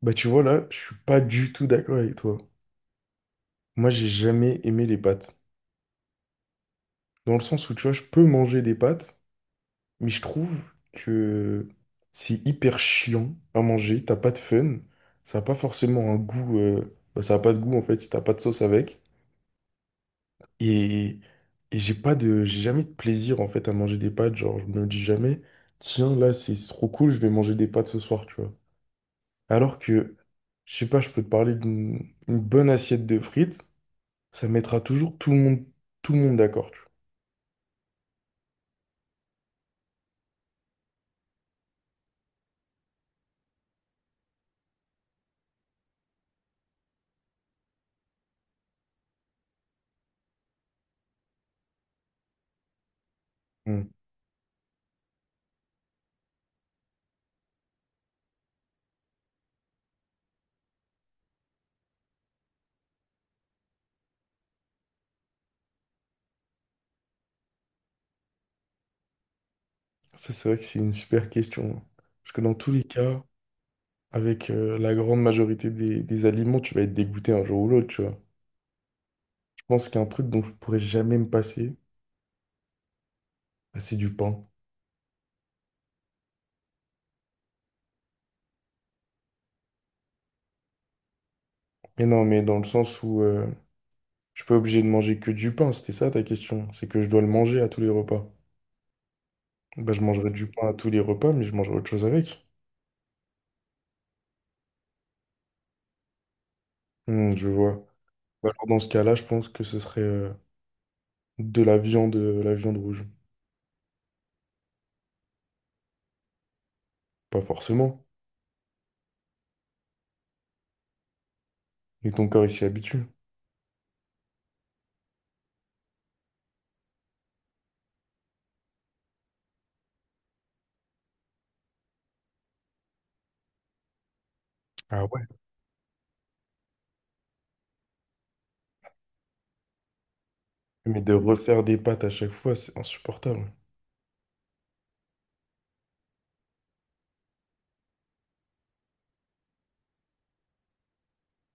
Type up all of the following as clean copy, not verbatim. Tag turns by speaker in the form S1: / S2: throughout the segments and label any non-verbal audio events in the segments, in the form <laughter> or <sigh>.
S1: Bah tu vois là, je suis pas du tout d'accord avec toi. Moi j'ai jamais aimé les pâtes. Dans le sens où tu vois, je peux manger des pâtes, mais je trouve que c'est hyper chiant à manger, t'as pas de fun, ça a pas forcément un goût, bah, ça a pas de goût en fait si t'as pas de sauce avec. Et, et j'ai pas de, j'ai jamais de plaisir en fait à manger des pâtes, genre je me dis jamais, tiens là c'est trop cool, je vais manger des pâtes ce soir, tu vois. Alors que, je sais pas, je peux te parler d'une une bonne assiette de frites. Ça mettra toujours tout le monde d'accord. Tu vois. Mm. Ça, c'est vrai que c'est une super question, hein. Parce que dans tous les cas, avec la grande majorité des aliments, tu vas être dégoûté un jour ou l'autre, tu vois. Je pense qu'il y a un truc dont je pourrais jamais me passer, bah, c'est du pain. Mais non, mais dans le sens où je suis pas obligé de manger que du pain, c'était ça ta question. C'est que je dois le manger à tous les repas. Bah, je mangerai du pain à tous les repas, mais je mangerai autre chose avec. Hmm, je vois. Bah, alors, dans ce cas-là, je pense que ce serait de la viande rouge. Pas forcément. Et ton corps, il s'y habitue. Ah ouais. Mais de refaire des pâtes à chaque fois, c'est insupportable.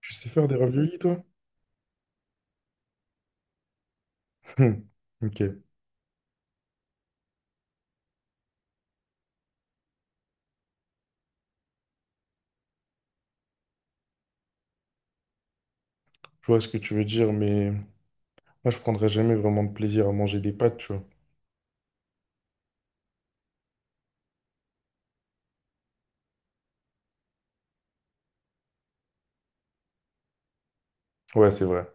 S1: Tu sais faire des raviolis, toi? <laughs> Hum, ok, je vois ce que tu veux dire, mais moi, je prendrais jamais vraiment de plaisir à manger des pâtes, tu vois. Ouais, c'est vrai.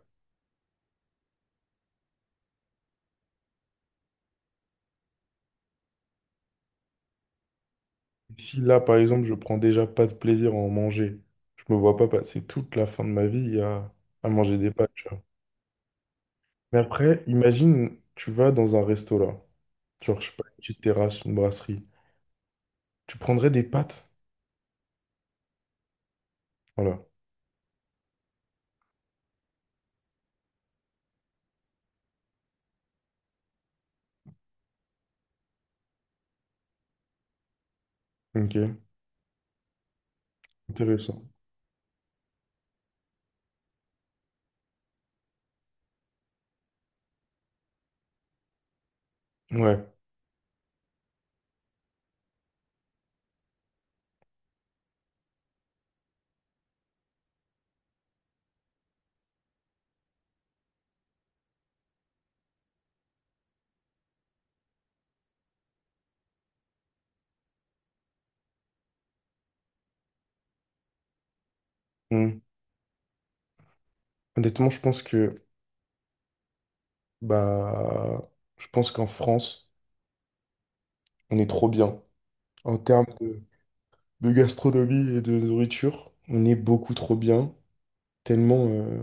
S1: Si là, par exemple, je prends déjà pas de plaisir à en manger, je me vois pas passer toute la fin de ma vie à manger des pâtes, tu vois. Mais après, imagine, tu vas dans un resto là, genre, je sais pas, une petite terrasse, une brasserie. Tu prendrais des pâtes? Voilà. Ok, intéressant. Ouais. Mmh. Honnêtement, je pense que bah je pense qu'en France, on est trop bien. En termes de gastronomie et de nourriture, on est beaucoup trop bien. Tellement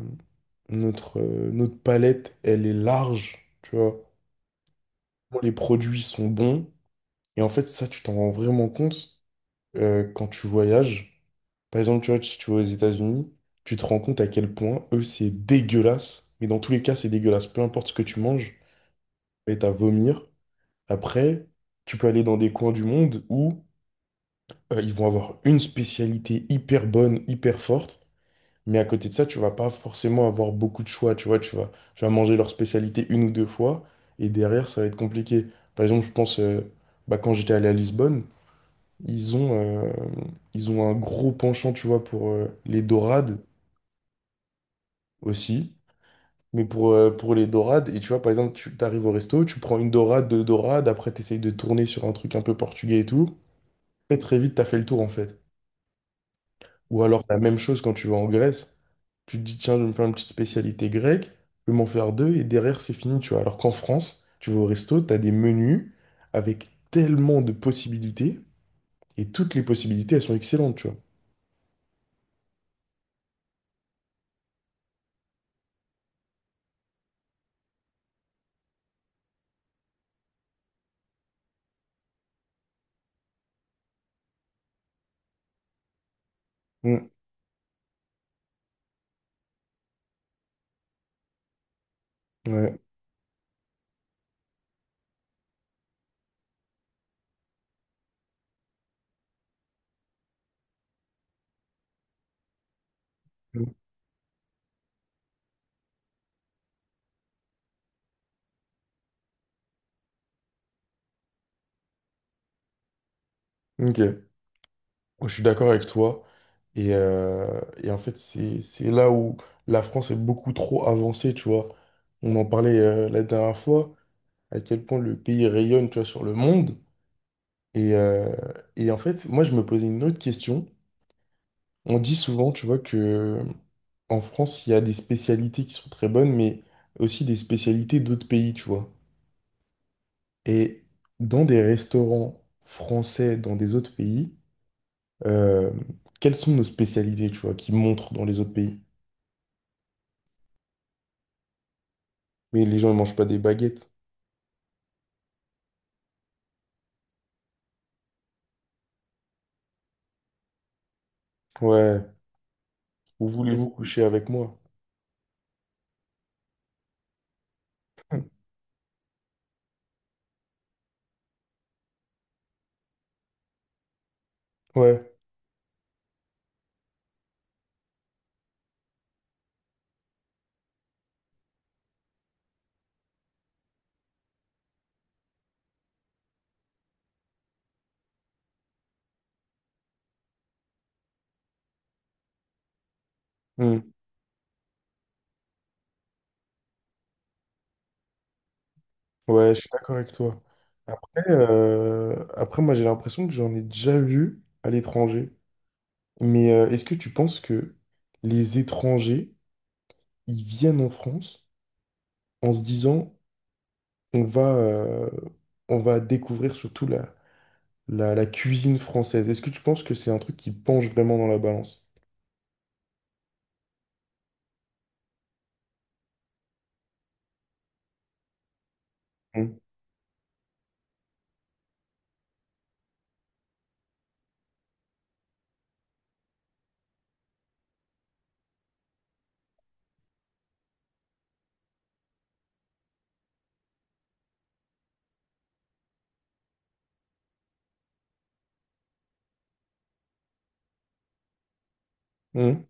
S1: notre, notre palette, elle est large, tu vois. Bon, les produits sont bons. Et en fait, ça, tu t'en rends vraiment compte quand tu voyages. Par exemple, tu vois, si tu vas aux États-Unis, tu te rends compte à quel point, eux, c'est dégueulasse. Mais dans tous les cas, c'est dégueulasse. Peu importe ce que tu manges, et t'as à vomir. Après, tu peux aller dans des coins du monde où ils vont avoir une spécialité hyper bonne, hyper forte, mais à côté de ça, tu vas pas forcément avoir beaucoup de choix, tu vois, tu vas manger leur spécialité une ou deux fois, et derrière, ça va être compliqué. Par exemple, je pense, bah, quand j'étais allé à Lisbonne, ils ont, euh, ils ont un gros penchant, tu vois, pour les dorades aussi. Mais pour les dorades, et tu vois, par exemple, tu arrives au resto, tu prends une dorade, deux dorades, après tu essayes de tourner sur un truc un peu portugais et tout. Très très vite, t'as fait le tour en fait. Ou alors la même chose quand tu vas en Grèce, tu te dis tiens, je vais me faire une petite spécialité grecque, je vais m'en faire deux et derrière c'est fini, tu vois. Alors qu'en France, tu vas au resto, t'as des menus avec tellement de possibilités et toutes les possibilités elles sont excellentes, tu vois. Mm, ouais. Mm, ok. Je suis d'accord avec toi. Et en fait, c'est là où la France est beaucoup trop avancée, tu vois. On en parlait la dernière fois, à quel point le pays rayonne, tu vois, sur le monde. Et, euh, et en fait, moi, je me posais une autre question. On dit souvent, tu vois, que en France, il y a des spécialités qui sont très bonnes, mais aussi des spécialités d'autres pays, tu vois. Et dans des restaurants français, dans des autres pays, euh, quelles sont nos spécialités, tu vois, qui montrent dans les autres pays? Mais les gens, ne mangent pas des baguettes. Ouais. Ou voulez-vous coucher avec moi? <laughs> Ouais. Hmm. Ouais, je suis d'accord avec toi. Après, après moi, j'ai l'impression que j'en ai déjà vu à l'étranger. Mais est-ce que tu penses que les étrangers, ils viennent en France en se disant, on va, euh, on va découvrir surtout la, la, la cuisine française. Est-ce que tu penses que c'est un truc qui penche vraiment dans la balance? Mhm. Mhm.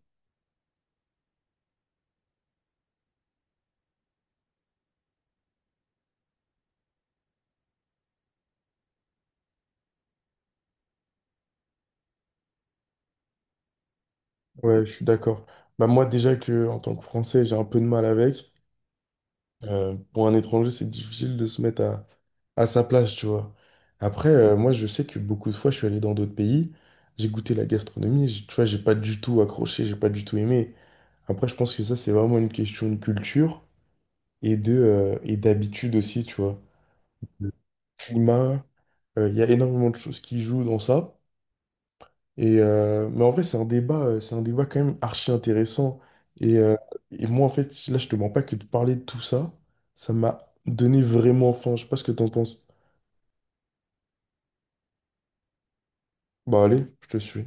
S1: Ouais, je suis d'accord. Bah moi déjà que en tant que Français, j'ai un peu de mal avec. Pour un étranger, c'est difficile de se mettre à sa place, tu vois. Après, moi, je sais que beaucoup de fois, je suis allé dans d'autres pays, j'ai goûté la gastronomie, j'ai- tu vois, j'ai pas du tout accroché, j'ai pas du tout aimé. Après, je pense que ça, c'est vraiment une question de culture et de, et d'habitude aussi, tu vois. Le climat, il y a énormément de choses qui jouent dans ça. Et, mais en vrai, c'est un débat quand même archi intéressant. Et, euh, et moi, en fait, là, je te mens pas que de parler de tout ça, ça m'a donné vraiment faim. Je sais pas ce que t'en penses. Bah allez, je te suis.